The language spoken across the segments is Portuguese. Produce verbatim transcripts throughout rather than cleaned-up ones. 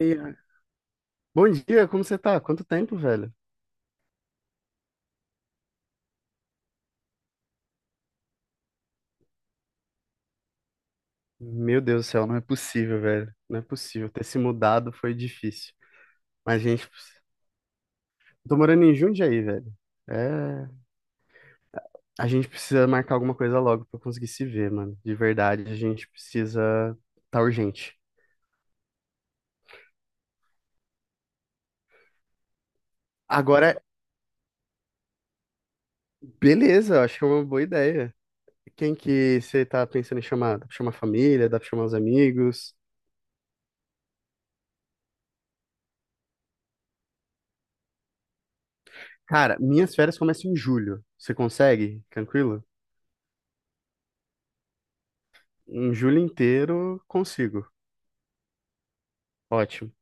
E, ah, Bom dia, como você tá? Quanto tempo, velho? Meu Deus do céu, não é possível, velho. Não é possível. Ter se mudado foi difícil. Mas a gente. Eu tô morando em Jundiaí, velho. É. A gente precisa marcar alguma coisa logo pra eu conseguir se ver, mano. De verdade, a gente precisa. Tá urgente. Agora, beleza, eu acho que é uma boa ideia. Quem que você tá pensando em chamar? Dá pra chamar a família? Dá pra chamar os amigos? Cara, minhas férias começam em julho. Você consegue? Tranquilo? Em julho inteiro, consigo. Ótimo.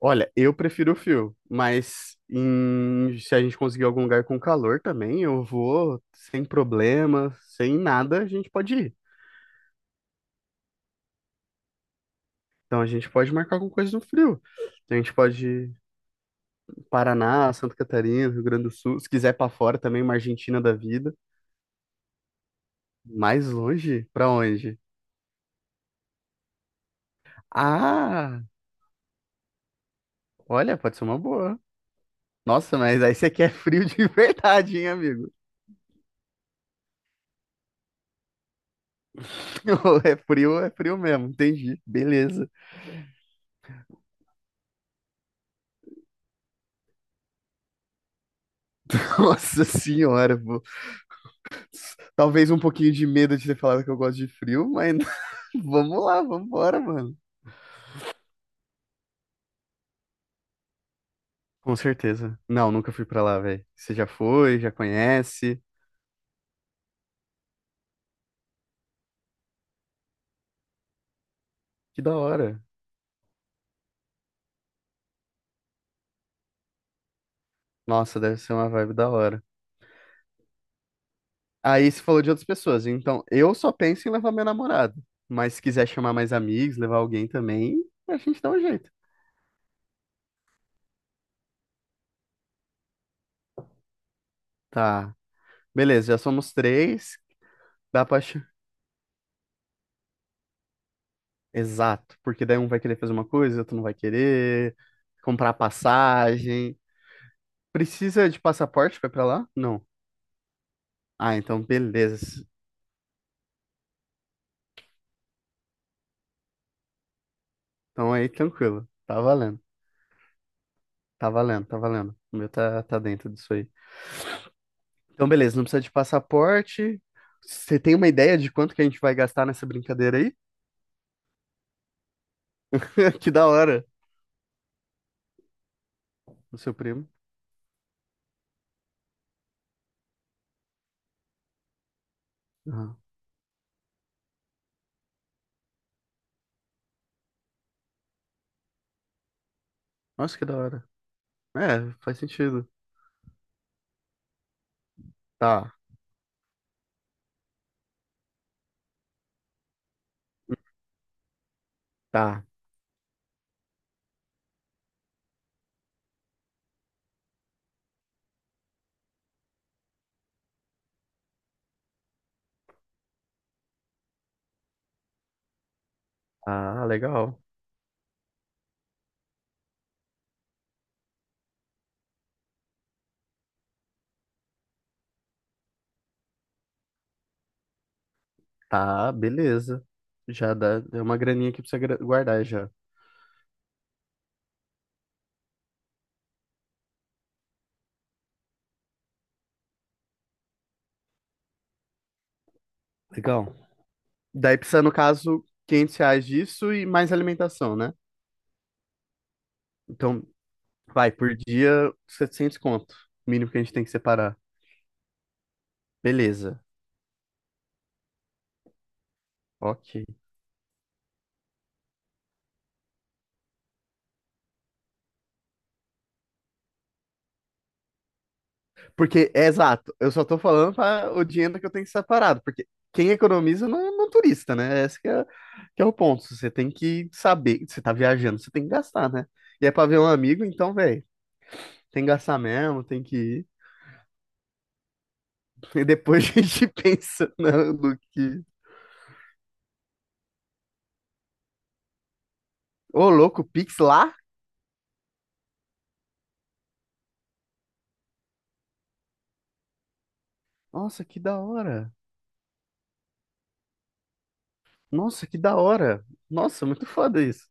Olha, eu prefiro o frio, mas em- se a gente conseguir algum lugar com calor também, eu vou sem problema, sem nada, a gente pode ir. Então a gente pode marcar alguma coisa no frio. Então, a gente pode ir Paraná, Santa Catarina, Rio Grande do Sul, se quiser ir pra fora também, uma Argentina da vida. Mais longe? Pra onde? Ah, olha, pode ser uma boa. Nossa, mas aí você quer frio de verdade, hein, amigo? Ou é frio, ou é frio mesmo, entendi. Beleza. Nossa senhora, talvez um pouquinho de medo de ter falado que eu gosto de frio, mas vamos lá, vamos embora, mano. Com certeza. Não, nunca fui pra lá, velho. Você já foi, já conhece. Que da hora. Nossa, deve ser uma vibe da hora. Aí você falou de outras pessoas. Então, eu só penso em levar meu namorado. Mas se quiser chamar mais amigos, levar alguém também, a gente dá um jeito. Tá. Beleza, já somos três. Dá pra. ch- Exato. Porque daí um vai querer fazer uma coisa, outro não vai querer. Comprar passagem. Precisa de passaporte pra ir pra lá? Não. Ah, então beleza. Então aí tranquilo. Tá valendo. Tá valendo, tá valendo. O meu tá, tá dentro disso aí. Então beleza, não precisa de passaporte. Você tem uma ideia de quanto que a gente vai gastar nessa brincadeira aí? Que da hora. O seu primo. Aham. Nossa, que da hora. É, faz sentido. Tá, tá. Tá, legal. Tá, beleza. Já dá, é uma graninha que precisa gra- guardar já. Legal. Daí precisa, no caso, quinhentos reais disso e mais alimentação, né? Então, vai, por dia, setecentos conto. Mínimo que a gente tem que separar. Beleza. Ok. Porque, é exato, eu só tô falando para o dinheiro que eu tenho que separado, porque quem economiza não, é não é turista, né? Esse que é, que é o ponto. Você tem que saber, você tá viajando, você tem que gastar, né? E é para ver um amigo, então, velho, tem que gastar mesmo, tem que ir. E depois a gente pensa no, no que. Ô, louco, Pix lá? Nossa, que da hora. Nossa, que da hora. Nossa, muito foda isso.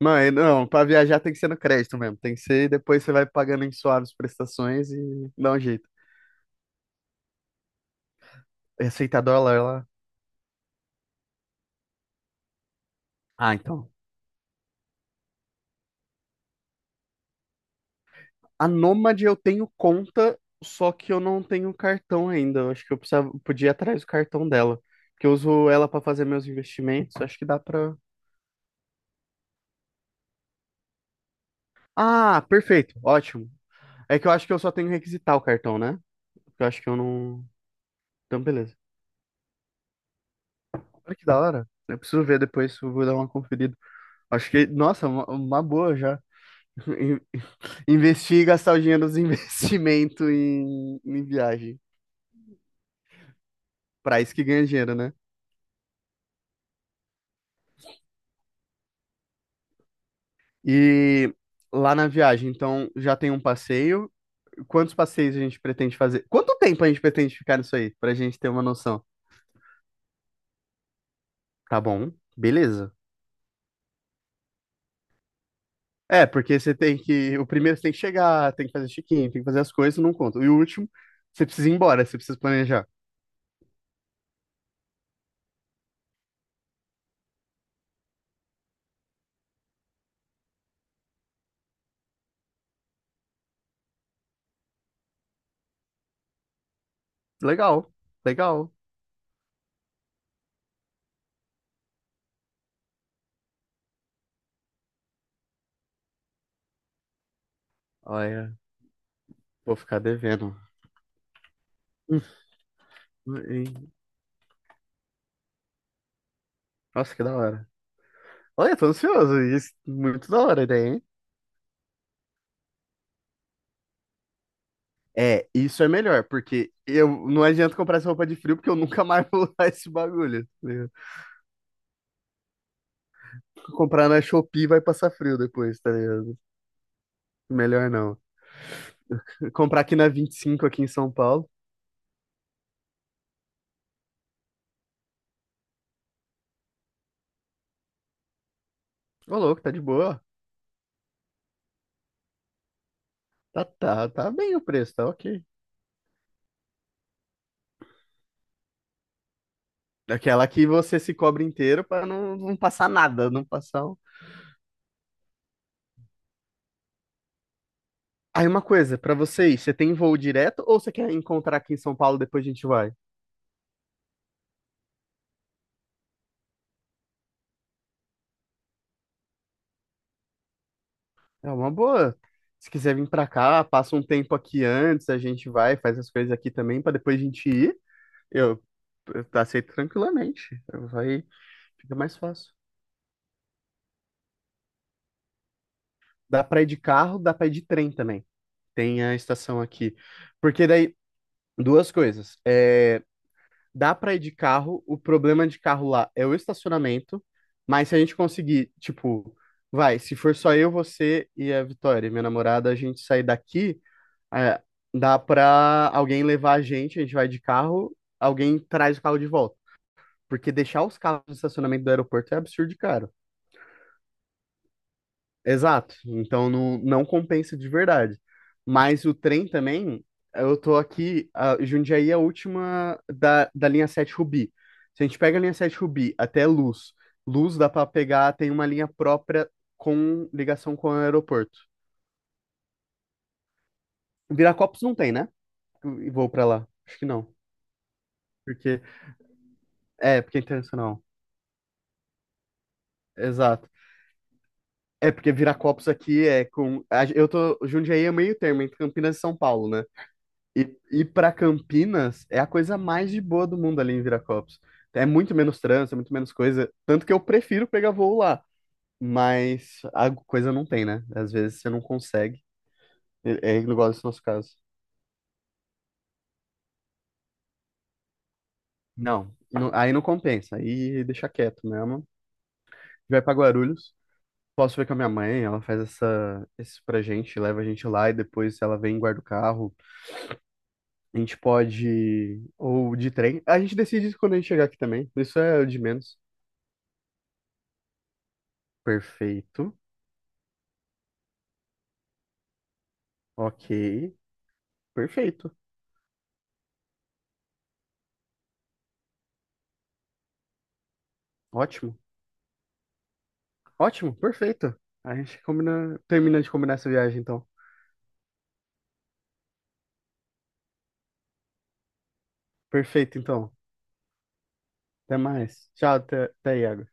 Não, é- não, pra viajar tem que ser no crédito mesmo. Tem que ser, depois você vai pagando em suaves prestações e dá um jeito. Receita dólar lá. Ah, então. A Nômade eu tenho conta, só que eu não tenho cartão ainda. Eu acho que eu precisava, podia ir atrás do cartão dela. Porque eu uso ela pra fazer meus investimentos. Acho que dá pra. Ah, perfeito. Ótimo. É que eu acho que eu só tenho que requisitar o cartão, né? Eu acho que eu não. Então, beleza. Olha que da hora. Eu preciso ver depois, eu vou dar uma conferida. Acho que, nossa, uma, uma boa já. In- Investir e gastar o dinheiro dos investimentos em, em viagem. Pra isso que ganha dinheiro, né? E lá na viagem, então, já tem um passeio. Quantos passeios a gente pretende fazer? Quanto tempo a gente pretende ficar nisso aí? Pra gente ter uma noção. Tá bom, beleza. É, porque você tem que. O primeiro você tem que chegar, tem que fazer check-in, tem que fazer as coisas, não conta. E o último, você precisa ir embora, você precisa planejar. Legal, legal. Olha, vou ficar devendo. Nossa, que da hora. Olha, tô ansioso. Isso, muito da hora a ideia, hein? É, isso é melhor, porque eu não adianta comprar essa roupa de frio, porque eu nunca mais vou usar esse bagulho. Tá ligado? Comprar na Shopee vai passar frio depois, tá ligado? Melhor não. Comprar aqui na vinte e cinco aqui em São Paulo. Ô, louco, tá de boa. Tá, tá, tá bem o preço, tá ok. Aquela que você se cobre inteiro pra não, não passar nada, não passar. um- Aí uma coisa, pra vocês, você tem voo direto ou você quer encontrar aqui em São Paulo depois a gente vai? É uma boa. Se quiser vir pra cá, passa um tempo aqui antes, a gente vai, faz as coisas aqui também, pra depois a gente ir. Eu, eu aceito tranquilamente. Vai, fica mais fácil. Dá pra ir de carro, dá pra ir de trem também. Tem a estação aqui. Porque daí, duas coisas. É, dá pra ir de carro, o problema de carro lá é o estacionamento, mas se a gente conseguir, tipo, vai, se for só eu, você e a Vitória, minha namorada, a gente sair daqui. É, dá pra alguém levar a gente, a gente vai de carro, alguém traz o carro de volta. Porque deixar os carros no estacionamento do aeroporto é absurdo de caro. Exato. Então não, não compensa de verdade. Mas o trem também, eu tô aqui, a Jundiaí é a última da, da linha sete Rubi. Se a gente pega a linha sete Rubi até Luz, Luz dá pra pegar, tem uma linha própria com ligação com o aeroporto. Viracopos não tem, né? E vou pra lá. Acho que não. Porque, é, porque é internacional. Exato. É, porque Viracopos aqui é com. a- Eu tô. Jundiaí é meio termo, entre Campinas e São Paulo, né? E ir pra Campinas é a coisa mais de boa do mundo ali em Viracopos. É muito menos trânsito, é muito menos coisa. Tanto que eu prefiro pegar voo lá. Mas a coisa não tem, né? Às vezes você não consegue. É é igual esse nosso caso. Não, não- aí não compensa. Aí deixa quieto mesmo. Vai pra Guarulhos. Posso ver com a minha mãe, ela faz essa, isso pra gente, leva a gente lá e depois ela vem e guarda o carro. A gente pode. Ou de trem. A gente decide isso quando a gente chegar aqui também. Isso é o de menos. Perfeito. Ok. Perfeito. Ótimo. Ótimo. Perfeito. A gente combina... termina de combinar essa viagem, então. Perfeito, então. Até mais. Tchau, até, até aí, Iago.